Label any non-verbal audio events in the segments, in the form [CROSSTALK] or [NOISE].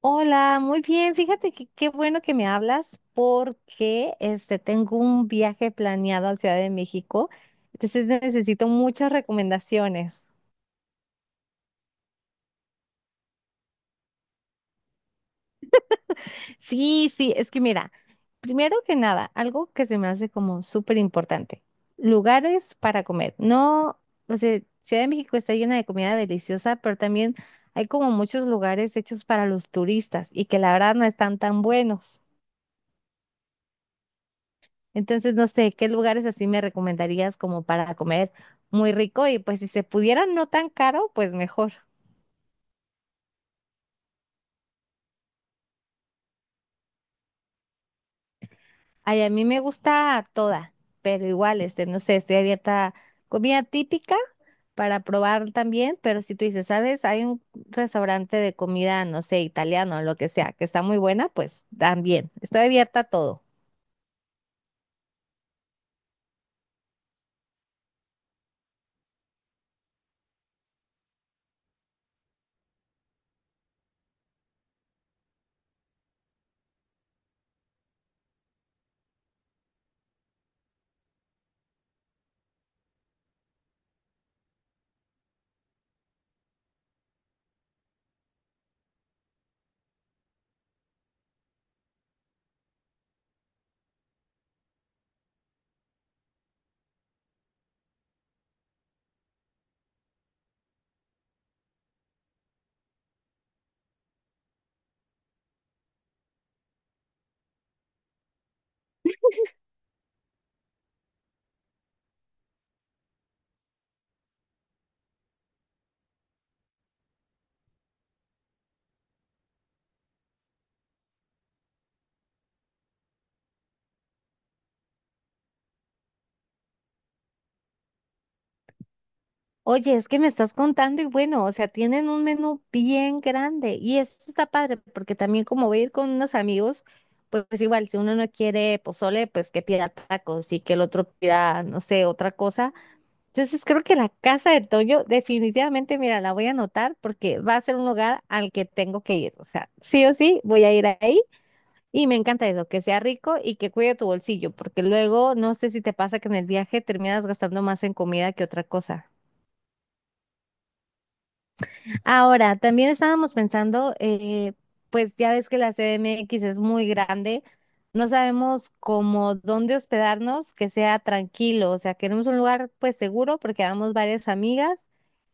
Hola, muy bien. Fíjate que qué bueno que me hablas porque tengo un viaje planeado a Ciudad de México, entonces necesito muchas recomendaciones. Sí, sí, es que mira, primero que nada, algo que se me hace como súper importante, lugares para comer. No, o sea, Ciudad de México está llena de comida deliciosa, pero también hay como muchos lugares hechos para los turistas y que la verdad no están tan buenos. Entonces, no sé, ¿qué lugares así me recomendarías como para comer muy rico? Y pues si se pudiera no tan caro, pues mejor. Ay, a mí me gusta toda, pero igual, no sé, estoy abierta a comida típica para probar también, pero si tú dices, ¿sabes? Hay un restaurante de comida, no sé, italiano, lo que sea, que está muy buena, pues también, estoy abierta a todo. Oye, es que me estás contando y bueno, o sea, tienen un menú bien grande y esto está padre porque también como voy a ir con unos amigos, pues, pues igual, si uno no quiere pozole, pues que pida tacos y que el otro pida, no sé, otra cosa. Entonces creo que la casa de Toño definitivamente, mira, la voy a anotar porque va a ser un lugar al que tengo que ir. O sea, sí o sí, voy a ir ahí y me encanta eso, que sea rico y que cuide tu bolsillo, porque luego no sé si te pasa que en el viaje terminas gastando más en comida que otra cosa. Ahora, también estábamos pensando, pues ya ves que la CDMX es muy grande, no sabemos cómo dónde hospedarnos que sea tranquilo, o sea, queremos un lugar pues seguro porque vamos varias amigas,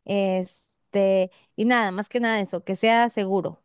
este, y nada, más que nada eso, que sea seguro.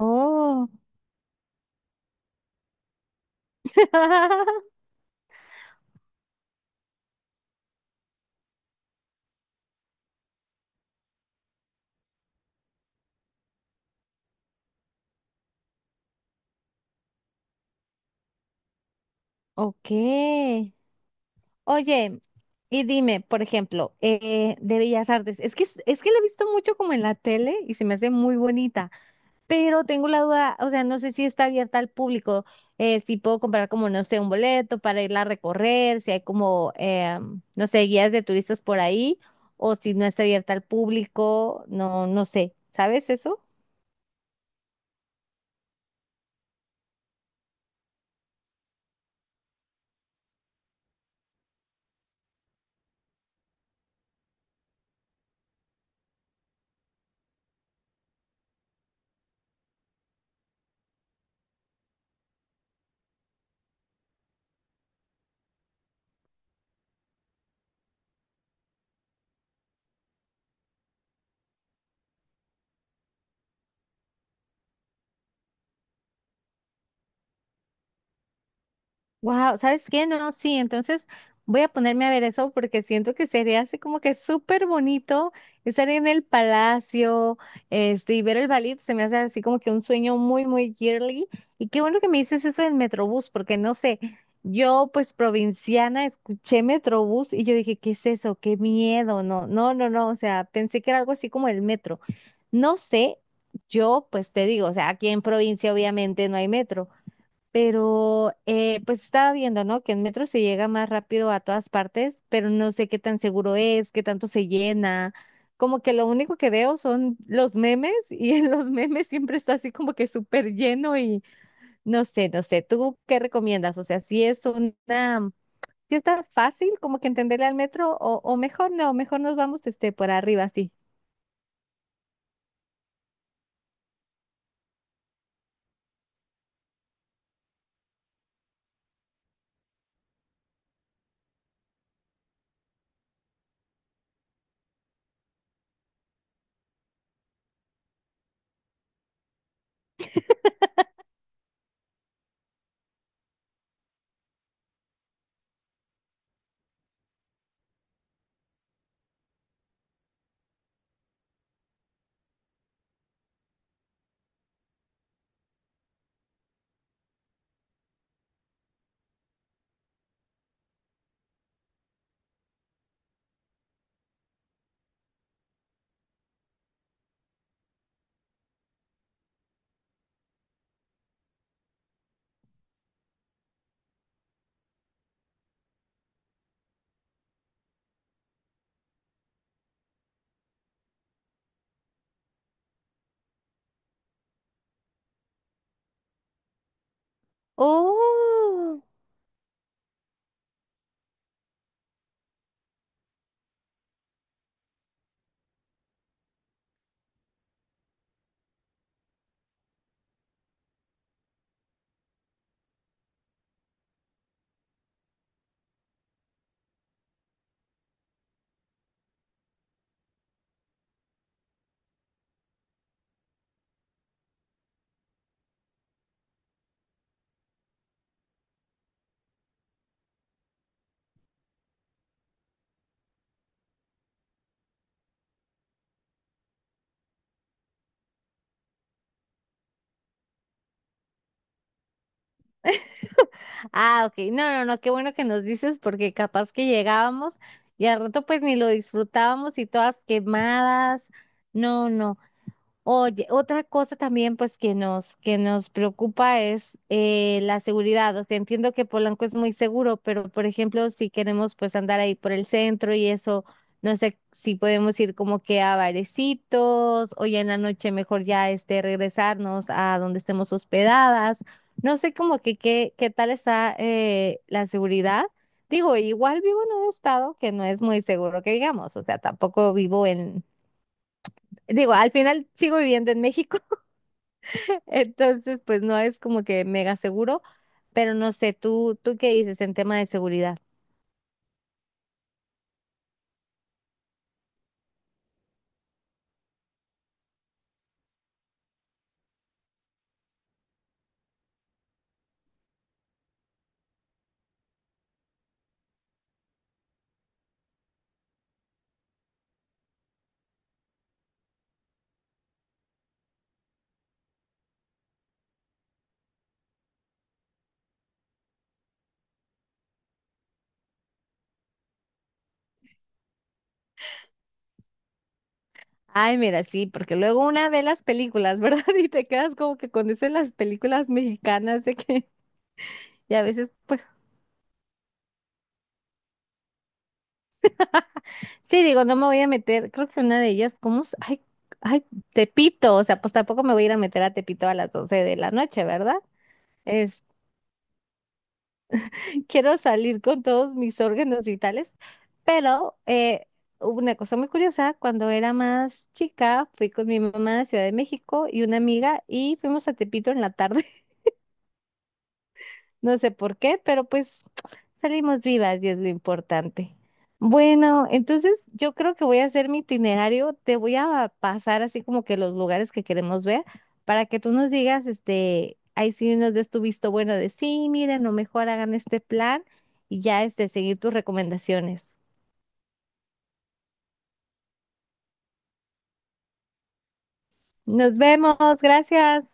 Oh, [LAUGHS] ok. Oye, y dime, por ejemplo, de Bellas Artes, es que la he visto mucho como en la tele y se me hace muy bonita. Pero tengo la duda, o sea, no sé si está abierta al público, si puedo comprar como, no sé, un boleto para irla a recorrer, si hay como, no sé, guías de turistas por ahí, o si no está abierta al público, no, no sé, ¿sabes eso? Wow, ¿sabes qué? No, sí, entonces voy a ponerme a ver eso porque siento que sería así como que súper bonito estar en el palacio, y ver el ballet, se me hace así como que un sueño muy, muy girly. Y qué bueno que me dices eso del Metrobús, porque no sé, yo pues provinciana escuché Metrobús y yo dije, ¿qué es eso? Qué miedo, no, no, no, no, o sea, pensé que era algo así como el metro. No sé, yo pues te digo, o sea, aquí en provincia obviamente no hay metro. Pero pues estaba viendo, ¿no? Que en metro se llega más rápido a todas partes, pero no sé qué tan seguro es, qué tanto se llena. Como que lo único que veo son los memes [LAUGHS] y en los memes siempre está así como que súper lleno y no sé, no sé. ¿Tú qué recomiendas? O sea, si está fácil como que entenderle al metro o mejor no, mejor nos vamos este por arriba así. ¡Oh! Ah, ok. No, no, no, qué bueno que nos dices porque capaz que llegábamos y al rato pues ni lo disfrutábamos y todas quemadas. No, no. Oye, otra cosa también pues que nos preocupa es la seguridad. O sea, entiendo que Polanco es muy seguro, pero por ejemplo, si queremos pues andar ahí por el centro y eso, no sé si podemos ir como que a barecitos o ya en la noche mejor ya este regresarnos a donde estemos hospedadas. No sé como que qué tal está la seguridad. Digo, igual vivo en un estado que no es muy seguro que digamos, o sea, tampoco vivo en, digo, al final sigo viviendo en México. Entonces, pues no es como que mega seguro, pero no sé, ¿tú qué dices en tema de seguridad? Ay, mira, sí, porque luego una ve las películas, ¿verdad? [LAUGHS] Y te quedas como que con eso de las películas mexicanas de que, y a veces, pues, sí, digo, no me voy a meter, creo que una de ellas, ¿cómo? Ay, ay, Tepito, o sea, pues tampoco me voy a ir a meter a Tepito a las 12 de la noche, ¿verdad? [LAUGHS] quiero salir con todos mis órganos vitales, pero hubo una cosa muy curiosa, cuando era más chica, fui con mi mamá a Ciudad de México y una amiga y fuimos a Tepito en la tarde. No sé por qué, pero pues salimos vivas y es lo importante. Bueno, entonces yo creo que voy a hacer mi itinerario. Te voy a pasar así como que los lugares que queremos ver para que tú nos digas, este, ahí sí nos des tu visto bueno de sí, miren, o mejor hagan este plan y ya este, seguir tus recomendaciones. Nos vemos, gracias.